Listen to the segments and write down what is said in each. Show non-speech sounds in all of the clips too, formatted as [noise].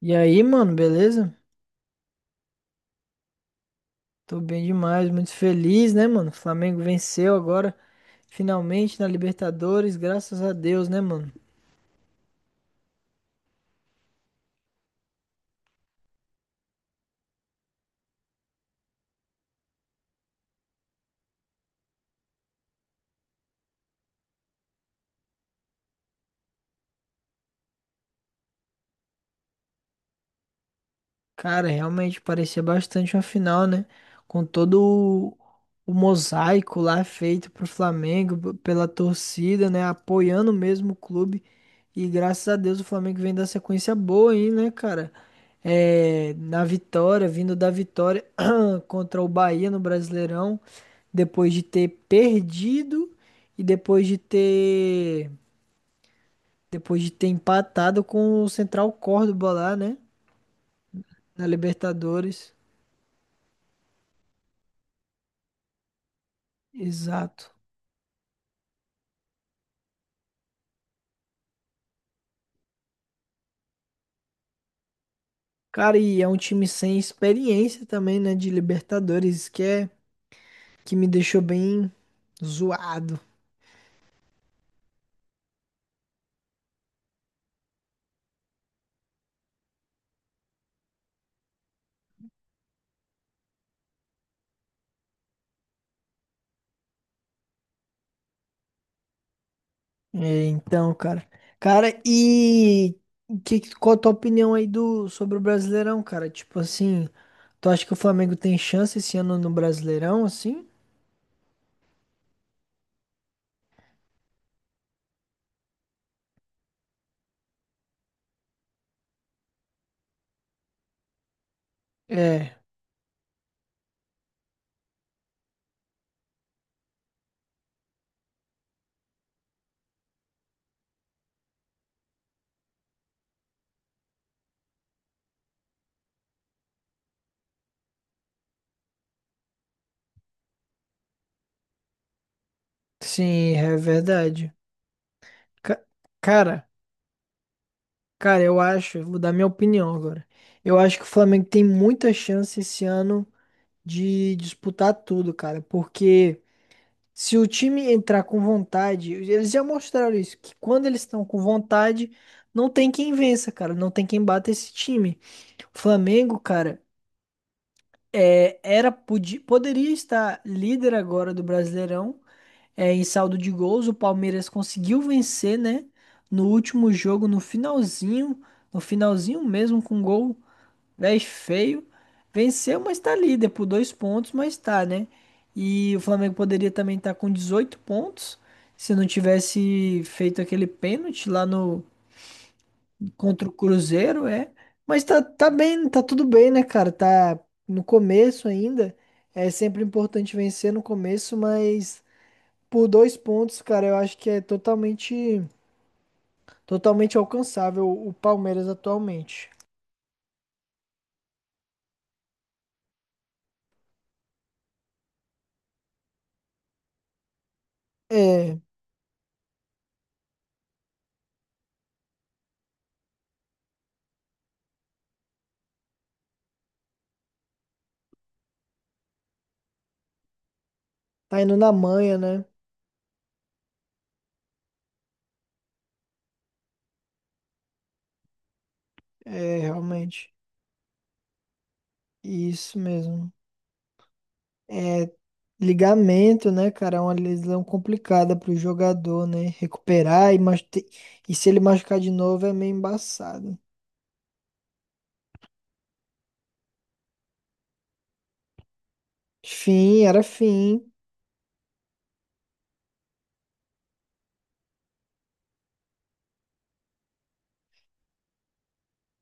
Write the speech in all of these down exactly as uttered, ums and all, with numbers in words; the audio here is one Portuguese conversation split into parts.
E aí, mano, beleza? Tô bem demais, muito feliz, né, mano? O Flamengo venceu agora, finalmente na Libertadores, graças a Deus, né, mano? Cara, realmente parecia bastante uma final, né? Com todo o, o mosaico lá feito pro Flamengo, p- pela torcida, né? Apoiando mesmo o clube. E graças a Deus o Flamengo vem da sequência boa aí, né, cara? É, na vitória, vindo da vitória contra o Bahia no Brasileirão, depois de ter perdido e depois de ter depois de ter empatado com o Central Córdoba lá, né, na Libertadores. Exato. Cara, e é um time sem experiência também, né, de Libertadores, que é que me deixou bem zoado. É, então, cara. Cara, e que, que- qual a tua opinião aí do, sobre o Brasileirão, cara? Tipo assim, tu acha que o Flamengo tem chance esse ano no Brasileirão, assim? É, sim, é verdade. Ca- cara, cara, eu acho, vou dar minha opinião agora. Eu acho que o Flamengo tem muita chance esse ano de disputar tudo, cara, porque se o time entrar com vontade, eles já mostraram isso, que quando eles estão com vontade, não tem quem vença, cara, não tem quem bata esse time. O Flamengo, cara, é, era podia poderia estar líder agora do Brasileirão, é, em saldo de gols. O Palmeiras conseguiu vencer, né? No último jogo, no finalzinho, no finalzinho mesmo com gol. dez feio. Venceu, mas tá líder por dois pontos, mas tá, né? E o Flamengo poderia também estar com dezoito pontos se não tivesse feito aquele pênalti lá no contra o Cruzeiro, é. Mas tá, tá bem, tá tudo bem, né, cara? Tá no começo ainda. É sempre importante vencer no começo, mas por dois pontos, cara, eu acho que é totalmente, totalmente alcançável o Palmeiras atualmente. É, tá indo na manha, né? É, realmente. Isso mesmo. É ligamento, né, cara? É uma lesão complicada pro jogador, né? Recuperar e, mas e se ele machucar de novo é meio embaçado. Fim, era fim.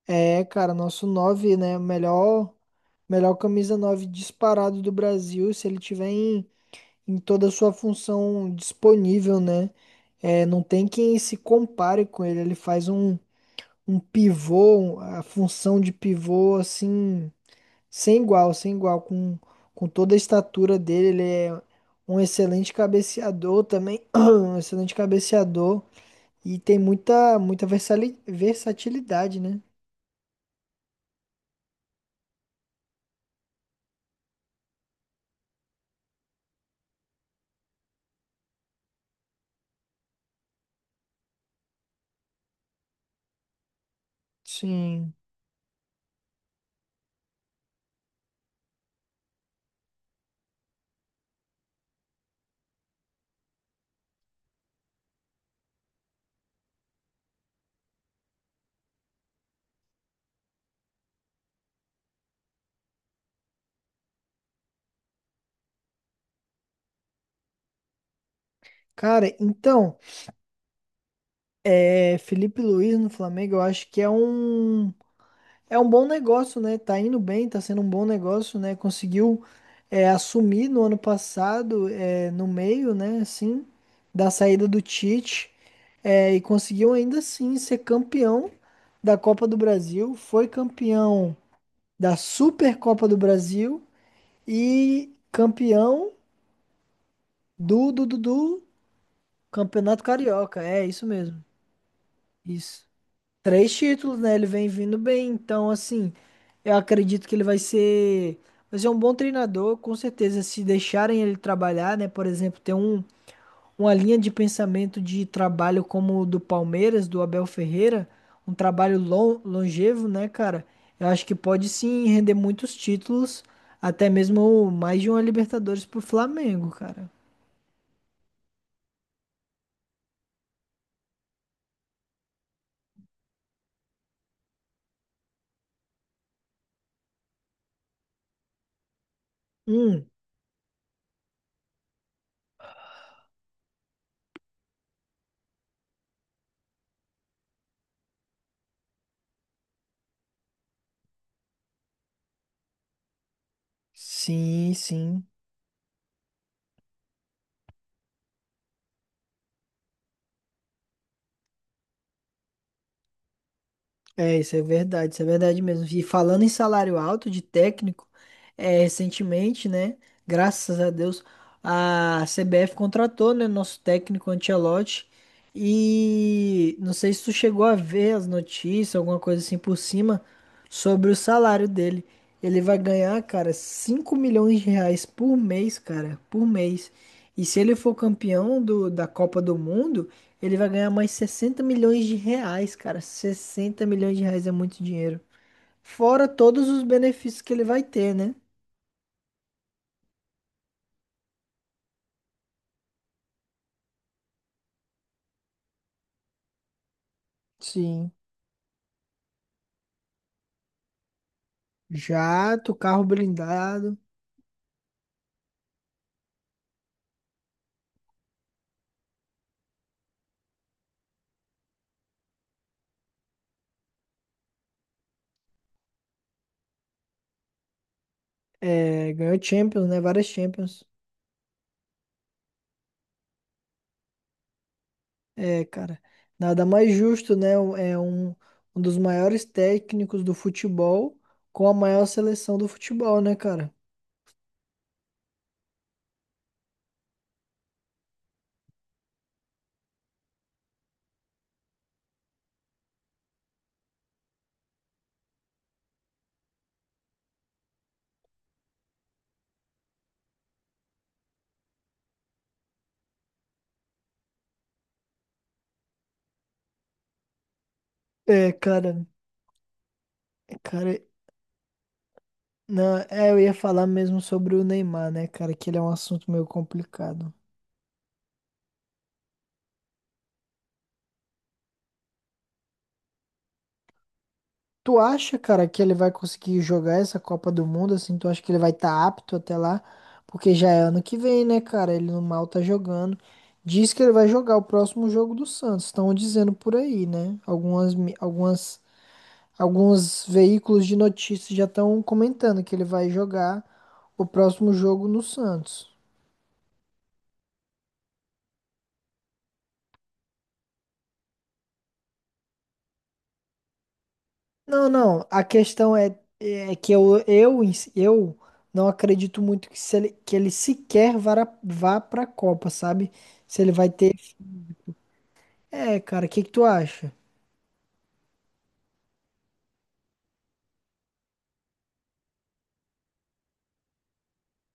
É, cara, nosso nove né? Melhor, melhor camisa nove disparado do Brasil, se ele tiver em, em toda a sua função disponível, né? É, não tem quem se compare com ele. Ele faz um, um pivô, um- a função de pivô, assim. Sem igual, sem igual, com, com toda a estatura dele, ele é um excelente cabeceador também, [clears throat] um excelente cabeceador e tem muita, muita versali- versatilidade, né? Sim. Cara, então, é, Felipe Luiz no Flamengo, eu acho que é um. É um bom negócio, né? Tá indo bem, tá sendo um bom negócio, né? Conseguiu é, assumir no ano passado, é, no meio, né? Assim, da saída do Tite, é, e conseguiu ainda assim ser campeão da Copa do Brasil, foi campeão da Supercopa do Brasil e campeão do, do, do, do Campeonato Carioca. É isso mesmo, isso. Três títulos, né? Ele vem vindo bem, então assim, eu acredito que ele vai ser, vai ser um bom treinador, com certeza, se deixarem ele trabalhar, né? Por exemplo, ter um, uma linha de pensamento de trabalho como o do Palmeiras, do Abel Ferreira, um trabalho lon- longevo, né, cara? Eu acho que pode sim render muitos títulos, até mesmo mais de uma Libertadores pro Flamengo, cara. Hum, sim, sim. É, isso é verdade, isso é verdade mesmo. E falando em salário alto de técnico, é, recentemente, né? Graças a Deus, a C B F contratou, né, nosso técnico Ancelotti. E não sei se tu chegou a ver as notícias, alguma coisa assim por cima, sobre o salário dele. Ele vai ganhar, cara, cinco milhões de reais por mês, cara, por mês. E se ele for campeão do, da Copa do Mundo, ele vai ganhar mais sessenta milhões de reais, cara. Sessenta milhões de reais é muito dinheiro. Fora todos os benefícios que ele vai ter, né? Sim. Jato, carro blindado. É, ganhou Champions, né? Várias Champions. É, cara. Nada mais justo, né? Um- É um, um dos maiores técnicos do futebol com a maior seleção do futebol, né, cara? É, cara. É, cara. Não, é, eu ia falar mesmo sobre o Neymar, né, cara? Que ele é um assunto meio complicado. Tu acha, cara, que ele vai conseguir jogar essa Copa do Mundo, assim? Tu acha que ele vai estar apto até lá? Porque já é ano que vem, né, cara? Ele no mal tá jogando. Diz que ele vai jogar o próximo jogo do Santos. Estão dizendo por aí, né? Algumas, mi- algumas, alguns veículos de notícias já estão comentando que ele vai jogar o próximo jogo no Santos. Não, não. A questão é, é que eu, eu, em si- eu não acredito muito que, se ele, que ele sequer vá, vá pra Copa, sabe? Se ele vai ter. É, cara, o que que tu acha?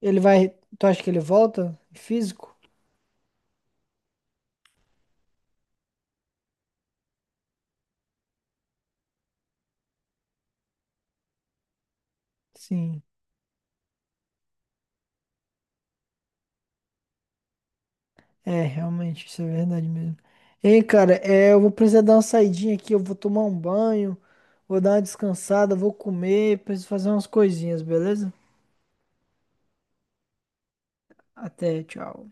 Ele vai. Tu acha que ele volta? Físico? Sim. É, realmente, isso é verdade mesmo. Hein, cara, é, eu vou precisar dar uma saidinha aqui, eu vou tomar um banho, vou dar uma descansada, vou comer, preciso fazer umas coisinhas, beleza? Até, tchau.